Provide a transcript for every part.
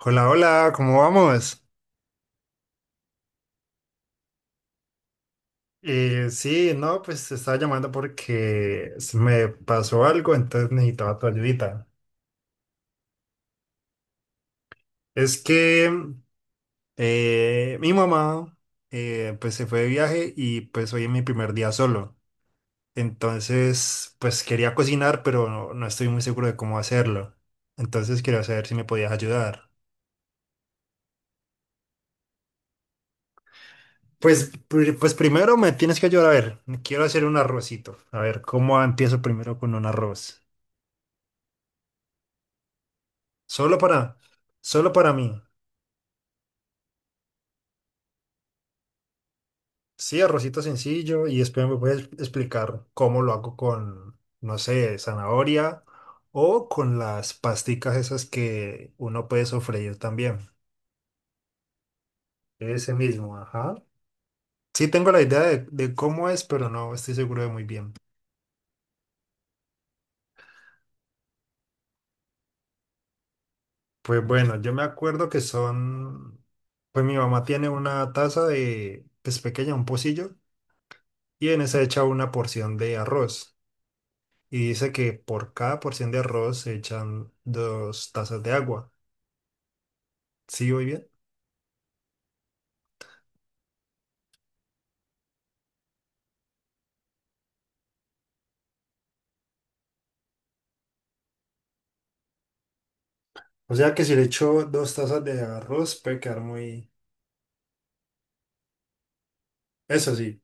Hola, hola, ¿cómo vamos? Sí, no, pues te estaba llamando porque se me pasó algo, entonces necesitaba tu ayudita. Es que mi mamá pues se fue de viaje y pues hoy es mi primer día solo. Entonces, pues quería cocinar, pero no estoy muy seguro de cómo hacerlo. Entonces quería saber si me podías ayudar. Pues, pues primero me tienes que ayudar a ver, quiero hacer un arrocito. A ver, ¿cómo empiezo primero con un arroz? Solo para, solo para mí. Sí, arrocito sencillo y después me puedes explicar cómo lo hago con, no sé, zanahoria o con las pasticas esas que uno puede sofreír también. Ese mismo, ajá. Sí tengo la idea de cómo es, pero no estoy seguro de muy bien. Pues bueno, yo me acuerdo que son, pues mi mamá tiene una taza de, pues pequeña, un pocillo, y en esa echa una porción de arroz. Y dice que por cada porción de arroz se echan dos tazas de agua. ¿Sí voy bien? O sea que si le echo dos tazas de arroz puede quedar muy... Eso sí.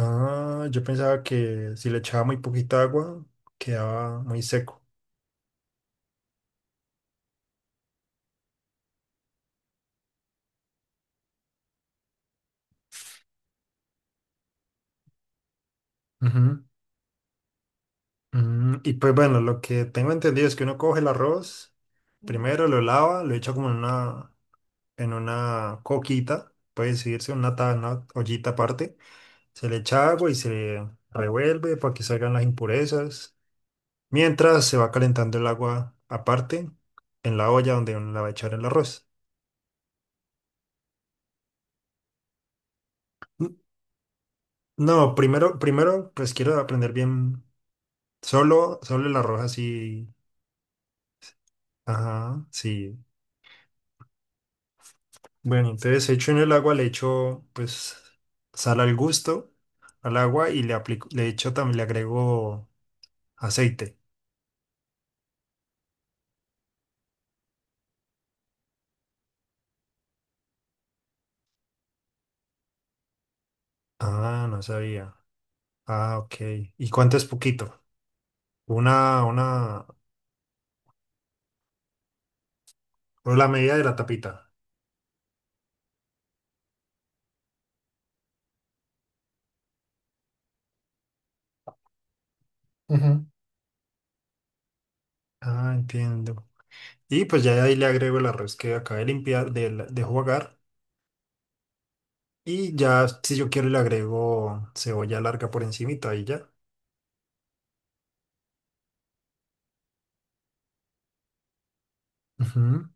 Ah, yo pensaba que si le echaba muy poquita agua, quedaba muy seco. Ujú. Y pues bueno, lo que tengo entendido es que uno coge el arroz, primero lo lava, lo echa como en una coquita, puede decirse, una, una ollita aparte. Se le echa agua y se revuelve para que salgan las impurezas. Mientras se va calentando el agua aparte en la olla donde uno la va a echar el arroz. N- No, primero, pues quiero aprender bien solo, solo el arroz así. Ajá, sí. Bueno, entonces hecho en el agua, le echo pues sal al gusto al agua y le aplico, le echo también, le agrego aceite. Ah, no sabía. Ah, ok. ¿Y cuánto es poquito? Una, una. O la medida de la tapita. Ujú. Ah, entiendo. Y pues ya de ahí le agrego el arroz que acabé de limpiar, de jugar. Y ya, si yo quiero, le agrego cebolla larga por encimita y ya. Ujú.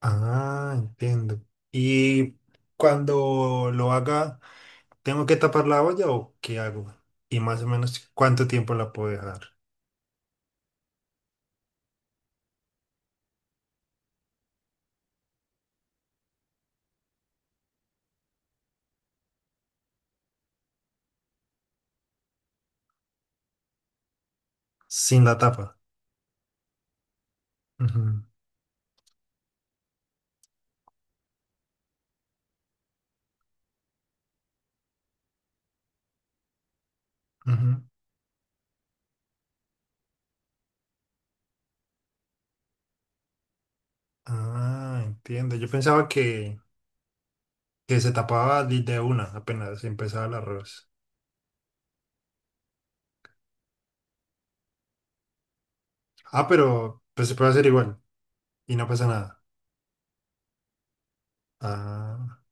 Ah, entiendo. Y cuando lo haga, ¿tengo que tapar la olla o qué hago? Y más o menos, ¿cuánto tiempo la puedo dejar sin la tapa? Ujú, ujú. Ah, entiendo. Yo pensaba que se tapaba de una apenas empezaba el arroz. Ah, pero pues se puede hacer igual y no pasa nada. Ah,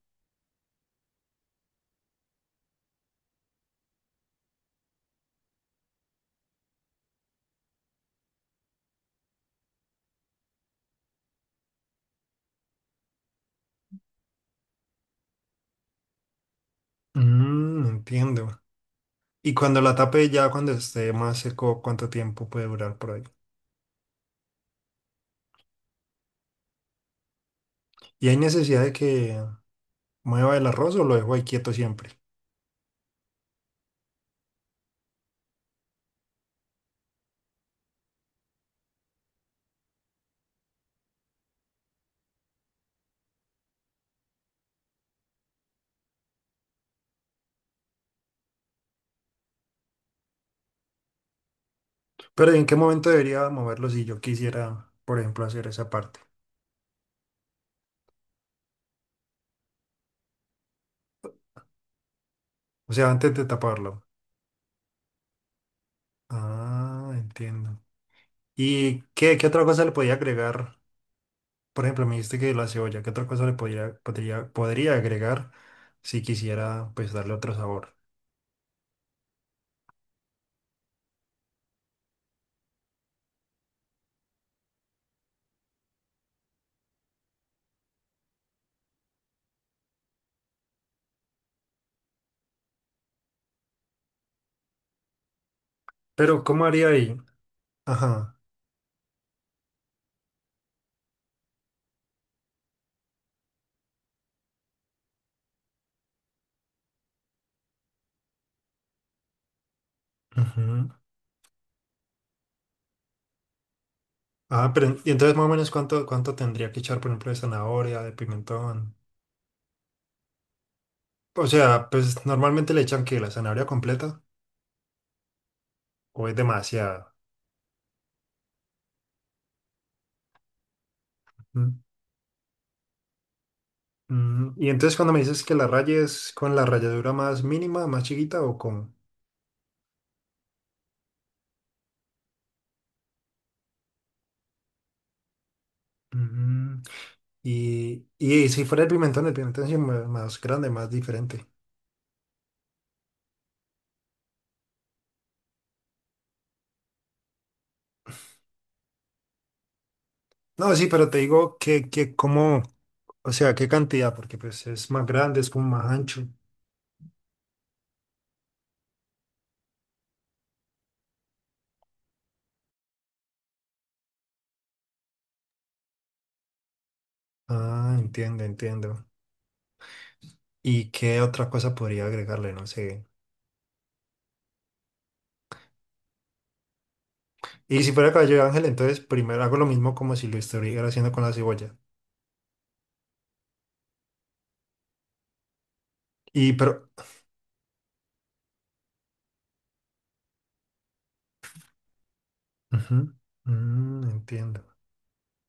mm, entiendo. Y cuando la tape ya cuando esté más seco, ¿cuánto tiempo puede durar por ahí? ¿Y hay necesidad de que mueva el arroz o lo dejo ahí quieto siempre? Pero ¿en qué momento debería moverlo si yo quisiera, por ejemplo, hacer esa parte? O sea, antes de taparlo. Ah, entiendo. ¿Y qué otra cosa le podía agregar? Por ejemplo, me dijiste que la cebolla, ¿qué otra cosa le podría agregar si quisiera pues darle otro sabor? Pero, ¿cómo haría ahí? Ajá. Ujú. Ah, pero y entonces más o menos cuánto tendría que echar, por ejemplo, de zanahoria, de pimentón. O sea, pues normalmente le echan que la zanahoria completa o es demasiada. Mm, mm. Y entonces cuando me dices que la raya es con la ralladura más mínima, más chiquita o con... Y, y si fuera el pimentón sí más grande, más diferente. No, sí, pero te digo que como, o sea, qué cantidad, porque pues es más grande, es como más ancho. Ah, entiendo, entiendo. ¿Y qué otra cosa podría agregarle? No sé. Y si fuera cabello de ángel, entonces primero hago lo mismo como si lo estuviera haciendo con la cebolla. Y pero... Ujú. Mm, entiendo.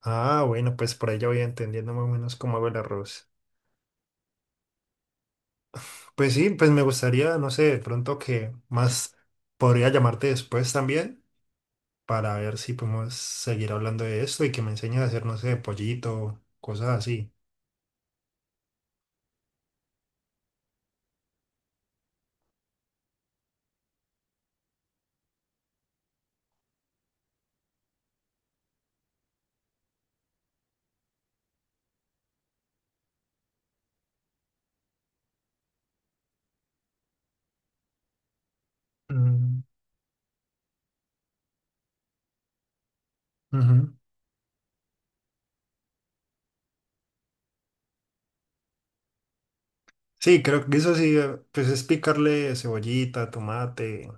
Ah, bueno, pues por ahí ya voy entendiendo más o menos cómo hago el arroz. Pues sí, pues me gustaría, no sé, de pronto que más podría llamarte después también para ver si podemos seguir hablando de esto y que me enseñes a hacer, no sé, pollito, cosas así. Mm, ujú. Sí, creo que eso sí, pues es picarle cebollita, tomate,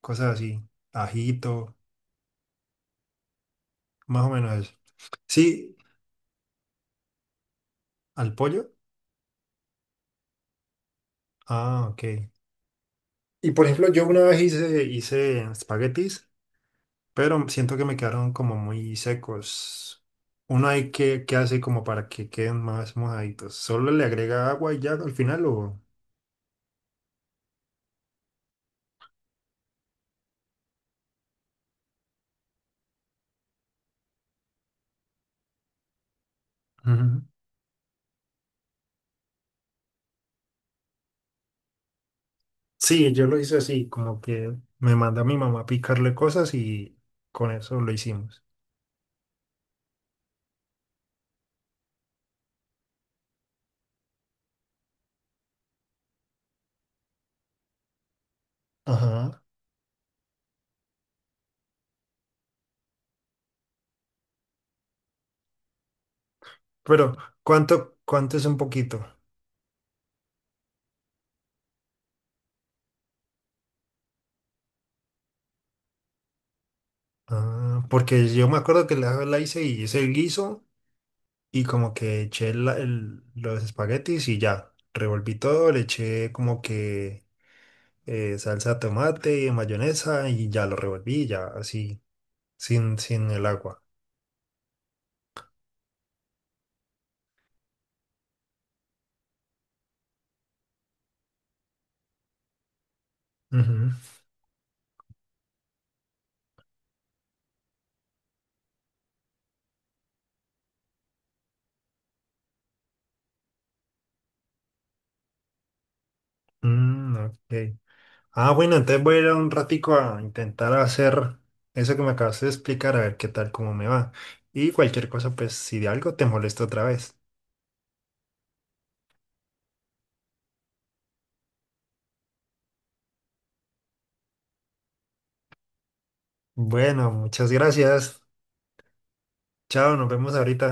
cosas así, ajito, más o menos eso. Sí, al pollo. Ah, ok. Y por ejemplo, yo una vez hice espaguetis, pero siento que me quedaron como muy secos. Uno hay que hace como para que queden más mojaditos. Solo le agrega agua y ya al final o... Ujú. Sí, yo lo hice así, como que me manda mi mamá a picarle cosas y con eso lo hicimos. Ajá. Pero, ¿cuánto es un poquito? Ah, porque yo me acuerdo que la hice y hice el guiso y como que eché los espaguetis y ya. Revolví todo, le eché como que salsa de tomate, mayonesa y ya lo revolví, ya así, sin el agua. Ujú. Mm, ok. Ah, bueno, entonces voy a ir un ratico a intentar hacer eso que me acabaste de explicar, a ver qué tal, cómo me va. Y cualquier cosa, pues si de algo te molesto otra vez. Bueno, muchas gracias. Chao, nos vemos ahorita.